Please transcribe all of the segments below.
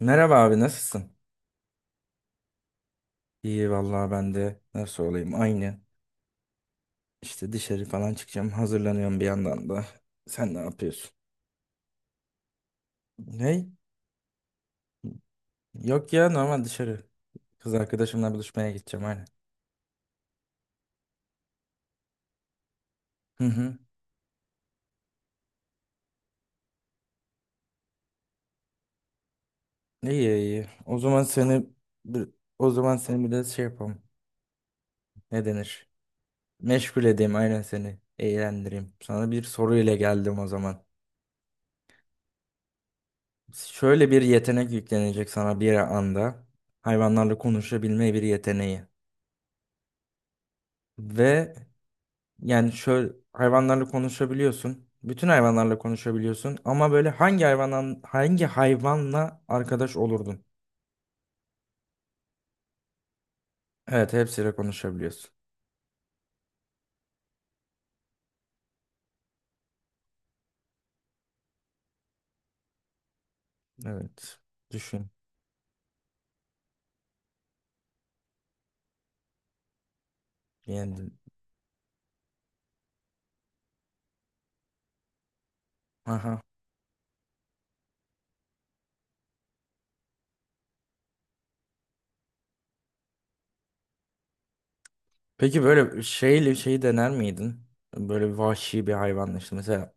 Merhaba abi nasılsın? İyi vallahi ben de nasıl olayım aynı. İşte dışarı falan çıkacağım, hazırlanıyorum bir yandan da. Sen ne yapıyorsun? Ne? Yok ya, normal dışarı. Kız arkadaşımla buluşmaya gideceğim aynen. Hı hı. İyi iyi. O zaman seni bir- o zaman seni bir de şey yapalım. Ne denir? Meşgul edeyim aynen seni. Eğlendireyim. Sana bir soru ile geldim o zaman. Şöyle bir yetenek yüklenecek sana bir anda. Hayvanlarla konuşabilme bir yeteneği. Ve yani şöyle hayvanlarla konuşabiliyorsun. Bütün hayvanlarla konuşabiliyorsun ama böyle hangi hayvanla arkadaş olurdun? Evet, hepsiyle konuşabiliyorsun. Evet. Düşün. Yani aha. Peki böyle şeyle şeyi dener miydin? Böyle vahşi bir hayvanla işte mesela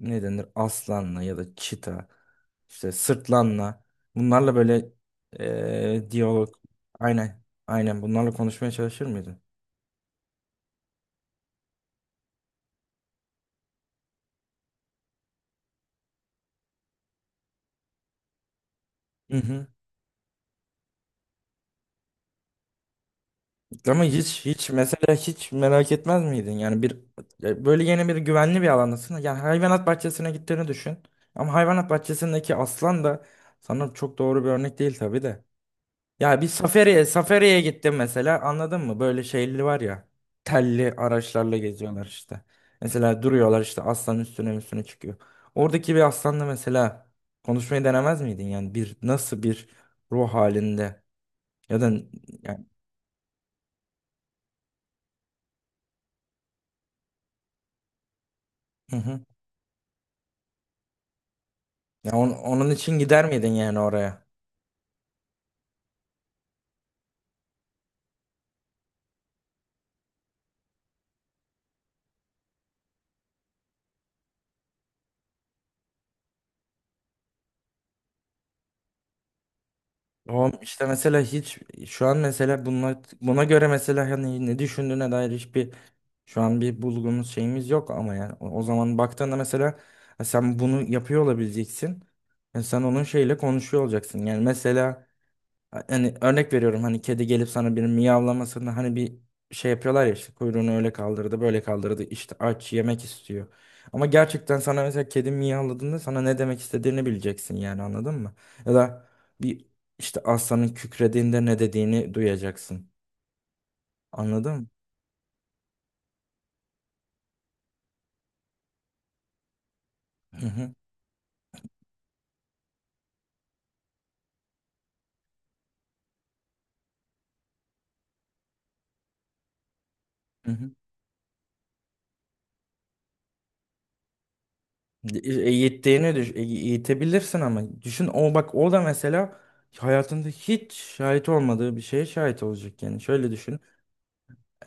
ne denir? Aslanla ya da çita, işte sırtlanla. Bunlarla böyle diyalog, aynen bunlarla konuşmaya çalışır mıydın? Mhm. Ama hiç mesela hiç merak etmez miydin? Yani bir böyle yeni bir güvenli bir alandasın. Yani hayvanat bahçesine gittiğini düşün. Ama hayvanat bahçesindeki aslan da sana çok doğru bir örnek değil tabii de. Ya bir safariye gittim mesela, anladın mı? Böyle şeyli var ya, telli araçlarla geziyorlar işte. Mesela duruyorlar işte, aslan üstüne üstüne çıkıyor. Oradaki bir aslanla mesela konuşmayı denemez miydin? Yani bir nasıl bir ruh halinde ya da yani, hı hı. Ya onun için gider miydin yani oraya? O işte mesela hiç şu an mesela buna göre mesela hani ne düşündüğüne dair hiçbir şu an bir bulgumuz şeyimiz yok, ama yani o zaman baktığında mesela sen bunu yapıyor olabileceksin. Yani sen onun şeyle konuşuyor olacaksın. Yani mesela, hani örnek veriyorum, hani kedi gelip sana bir miyavlamasını, hani bir şey yapıyorlar ya işte, kuyruğunu öyle kaldırdı böyle kaldırdı işte aç, yemek istiyor. Ama gerçekten sana mesela kedi miyavladığında sana ne demek istediğini bileceksin, yani anladın mı? Ya da bir işte aslanın kükrediğinde ne dediğini duyacaksın. Anladın mı? Hı hı. Hı hı. Eğittiğini eğitebilirsin ama düşün, o bak o da mesela hayatında hiç şahit olmadığı bir şeye şahit olacak, yani şöyle düşün.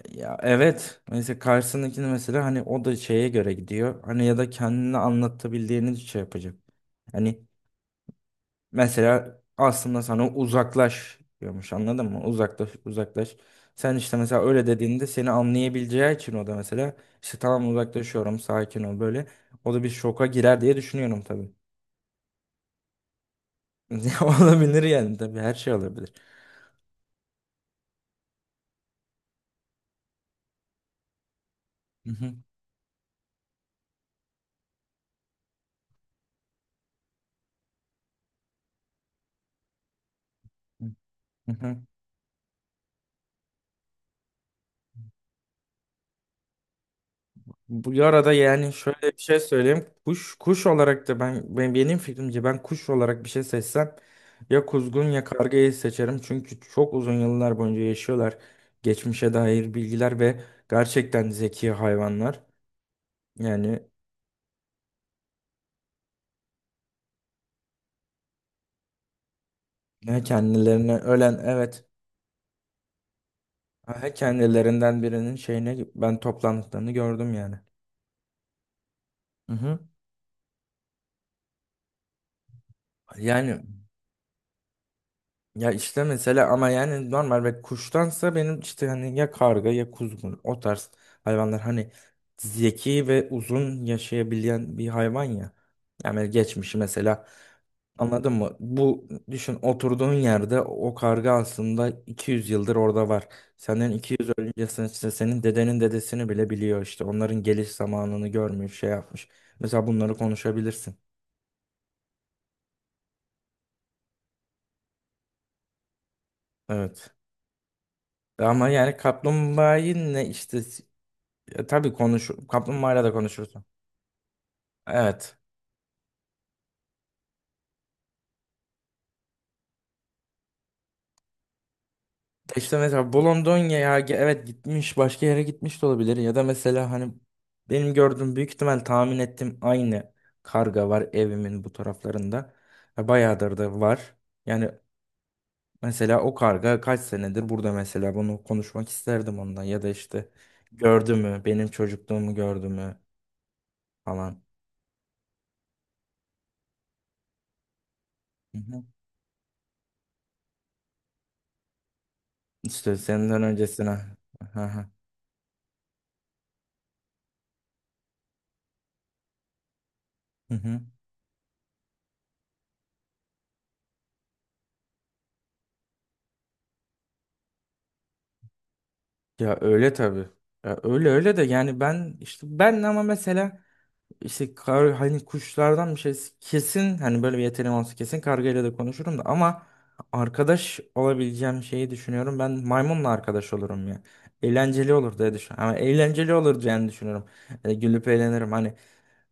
Ya evet. Mesela karşısındakini mesela hani o da şeye göre gidiyor. Hani ya da kendini anlatabildiğini şey yapacak. Hani mesela aslında sana uzaklaş diyormuş, anladın mı? Uzaklaş uzaklaş. Sen işte mesela öyle dediğinde seni anlayabileceği için o da mesela işte tamam, uzaklaşıyorum, sakin ol böyle. O da bir şoka girer diye düşünüyorum tabii. Olabilir yani, tabii her şey olabilir. Hı hı. Hı hı. Bu arada yani şöyle bir şey söyleyeyim. Kuş, kuş olarak da ben benim fikrimce ben kuş olarak bir şey seçsem, ya kuzgun ya kargayı seçerim. Çünkü çok uzun yıllar boyunca yaşıyorlar. Geçmişe dair bilgiler ve gerçekten zeki hayvanlar. Yani he, kendilerine ölen, evet, he kendilerinden birinin şeyine ben toplandıklarını gördüm yani. Hı hı. Yani ya işte mesela, ama yani normal ve kuştansa benim işte hani ya karga ya kuzgun o tarz hayvanlar, hani zeki ve uzun yaşayabilen bir hayvan ya. Yani geçmişi mesela, anladın mı? Bu düşün, oturduğun yerde o karga aslında 200 yıldır orada var. Senden 200 öncesini işte, senin dedenin dedesini bile biliyor işte. Onların geliş zamanını görmüş, şey yapmış. Mesela bunları konuşabilirsin. Evet. Ama yani kaplumbağayı ne işte, ya tabii konuş, kaplumbağayla da konuşursun. Evet. İşte mesela bulunduğun, ya evet gitmiş başka yere gitmiş de olabilir, ya da mesela hani benim gördüğüm, büyük ihtimal tahmin ettiğim aynı karga var evimin bu taraflarında. Ya bayağıdır da var. Yani mesela o karga kaç senedir burada, mesela bunu konuşmak isterdim ondan, ya da işte gördü mü benim çocukluğumu, gördü mü falan. Hı hı. İşte senden öncesine. Hı hı. Hı hı. Ya öyle tabii. Ya öyle öyle de yani ben işte ben ama mesela işte kar, hani kuşlardan bir şey kesin, hani böyle bir yeteneğim olsa kesin kargayla da konuşurum da, ama arkadaş olabileceğim şeyi düşünüyorum. Ben maymunla arkadaş olurum ya. Eğlenceli olur diye düşünüyorum. Ama eğlenceli olur diye düşünüyorum. Yani gülüp eğlenirim. Hani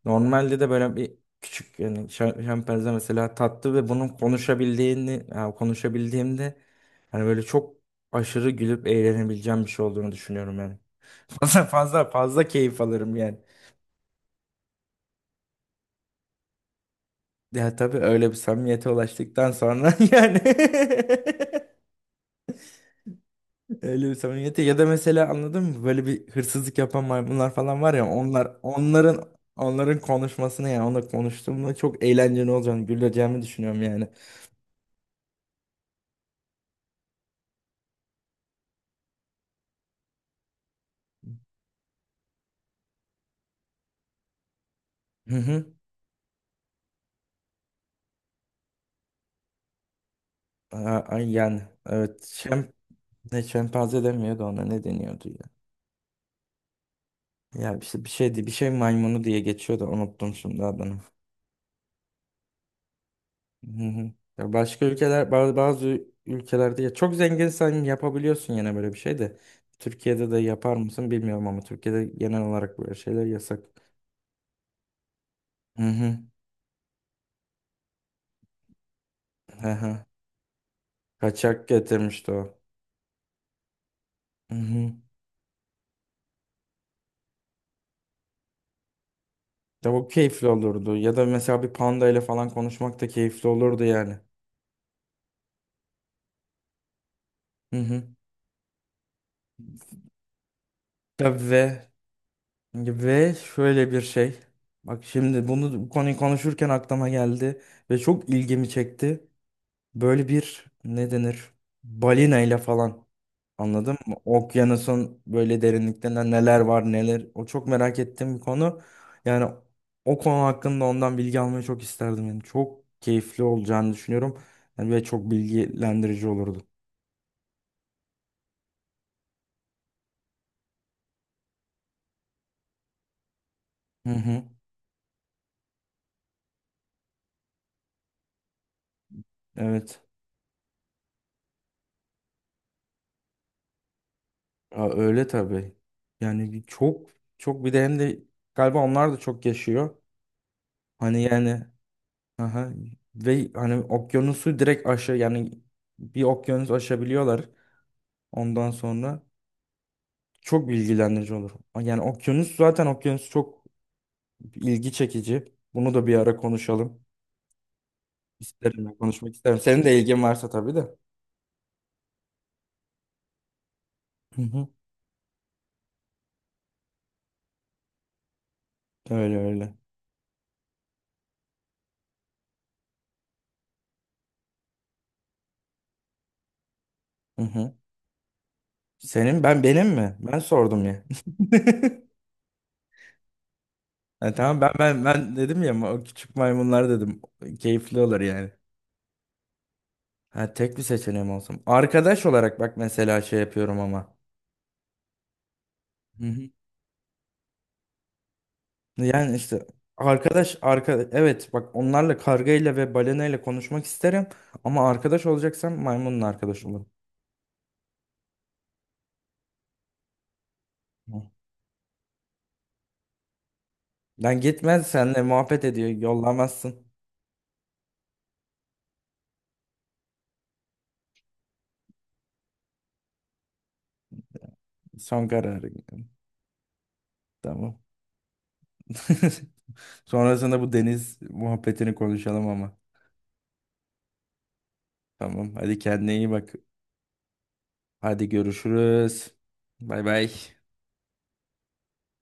normalde de böyle bir küçük yani şempanze mesela tatlı ve bunun konuşabildiğini, yani konuşabildiğimde hani böyle çok aşırı gülüp eğlenebileceğim bir şey olduğunu düşünüyorum yani. Fazla keyif alırım yani. Ya tabii öyle bir samimiyete ulaştıktan sonra yani öyle bir samimiyete, ya da mesela anladın mı, böyle bir hırsızlık yapan maymunlar falan var ya, onlar onların konuşmasını, yani onunla konuştuğumda çok eğlenceli olacağını, güleceğimi düşünüyorum yani. Hı hı. Aa, ay yani evet şem, ne şempanze demiyordu ona, ne deniyordu ya. Ya işte bir şeydi, bir şey maymunu diye geçiyordu, unuttum şimdi adını. Hı hı. Ya başka ülkeler bazı ülkelerde ya çok zenginsen yapabiliyorsun yine böyle bir şey de. Türkiye'de de yapar mısın bilmiyorum, ama Türkiye'de genel olarak böyle şeyler yasak. Hı hı. Hı hı. Kaçak getirmişti o. Hı hı. Ya bu keyifli olurdu. Ya da mesela bir panda ile falan konuşmak da keyifli olurdu yani. Hı hı. Ya ve ve şöyle bir şey. Bak şimdi bunu, bu konuyu konuşurken aklıma geldi ve çok ilgimi çekti. Böyle bir ne denir? Balina ile falan. Anladın mı? Okyanusun böyle derinliklerinde neler var neler. O çok merak ettiğim bir konu. Yani o konu hakkında ondan bilgi almayı çok isterdim. Yani çok keyifli olacağını düşünüyorum. Yani ve çok bilgilendirici olurdu. Hı hı. Evet. Aa, öyle tabii. Yani çok, çok bir de hem de galiba onlar da çok yaşıyor. Hani yani aha. Ve hani okyanusu direkt aşı yani, bir okyanus aşabiliyorlar ondan sonra. Çok bilgilendirici olur. Yani okyanus, zaten okyanus çok ilgi çekici. Bunu da bir ara konuşalım. İsterim, ben konuşmak isterim. Senin de ilgin varsa tabii de. Hı hı. Öyle öyle. Hı hı. Senin, benim mi? Ben sordum ya. Ha, tamam, ben dedim ya, o küçük maymunlar dedim. Keyifli olur yani. Ha, tek bir seçeneğim olsun. Arkadaş olarak bak mesela şey yapıyorum ama. Hı hı. Yani işte arkadaş evet, bak onlarla kargayla ve balenayla konuşmak isterim, ama arkadaş olacaksam maymunla arkadaş olurum. Hı. Lan gitmez, senle muhabbet ediyor, yollamazsın. Son kararı. Tamam. Sonrasında bu deniz muhabbetini konuşalım ama. Tamam, hadi kendine iyi bak. Hadi görüşürüz. Bay bay.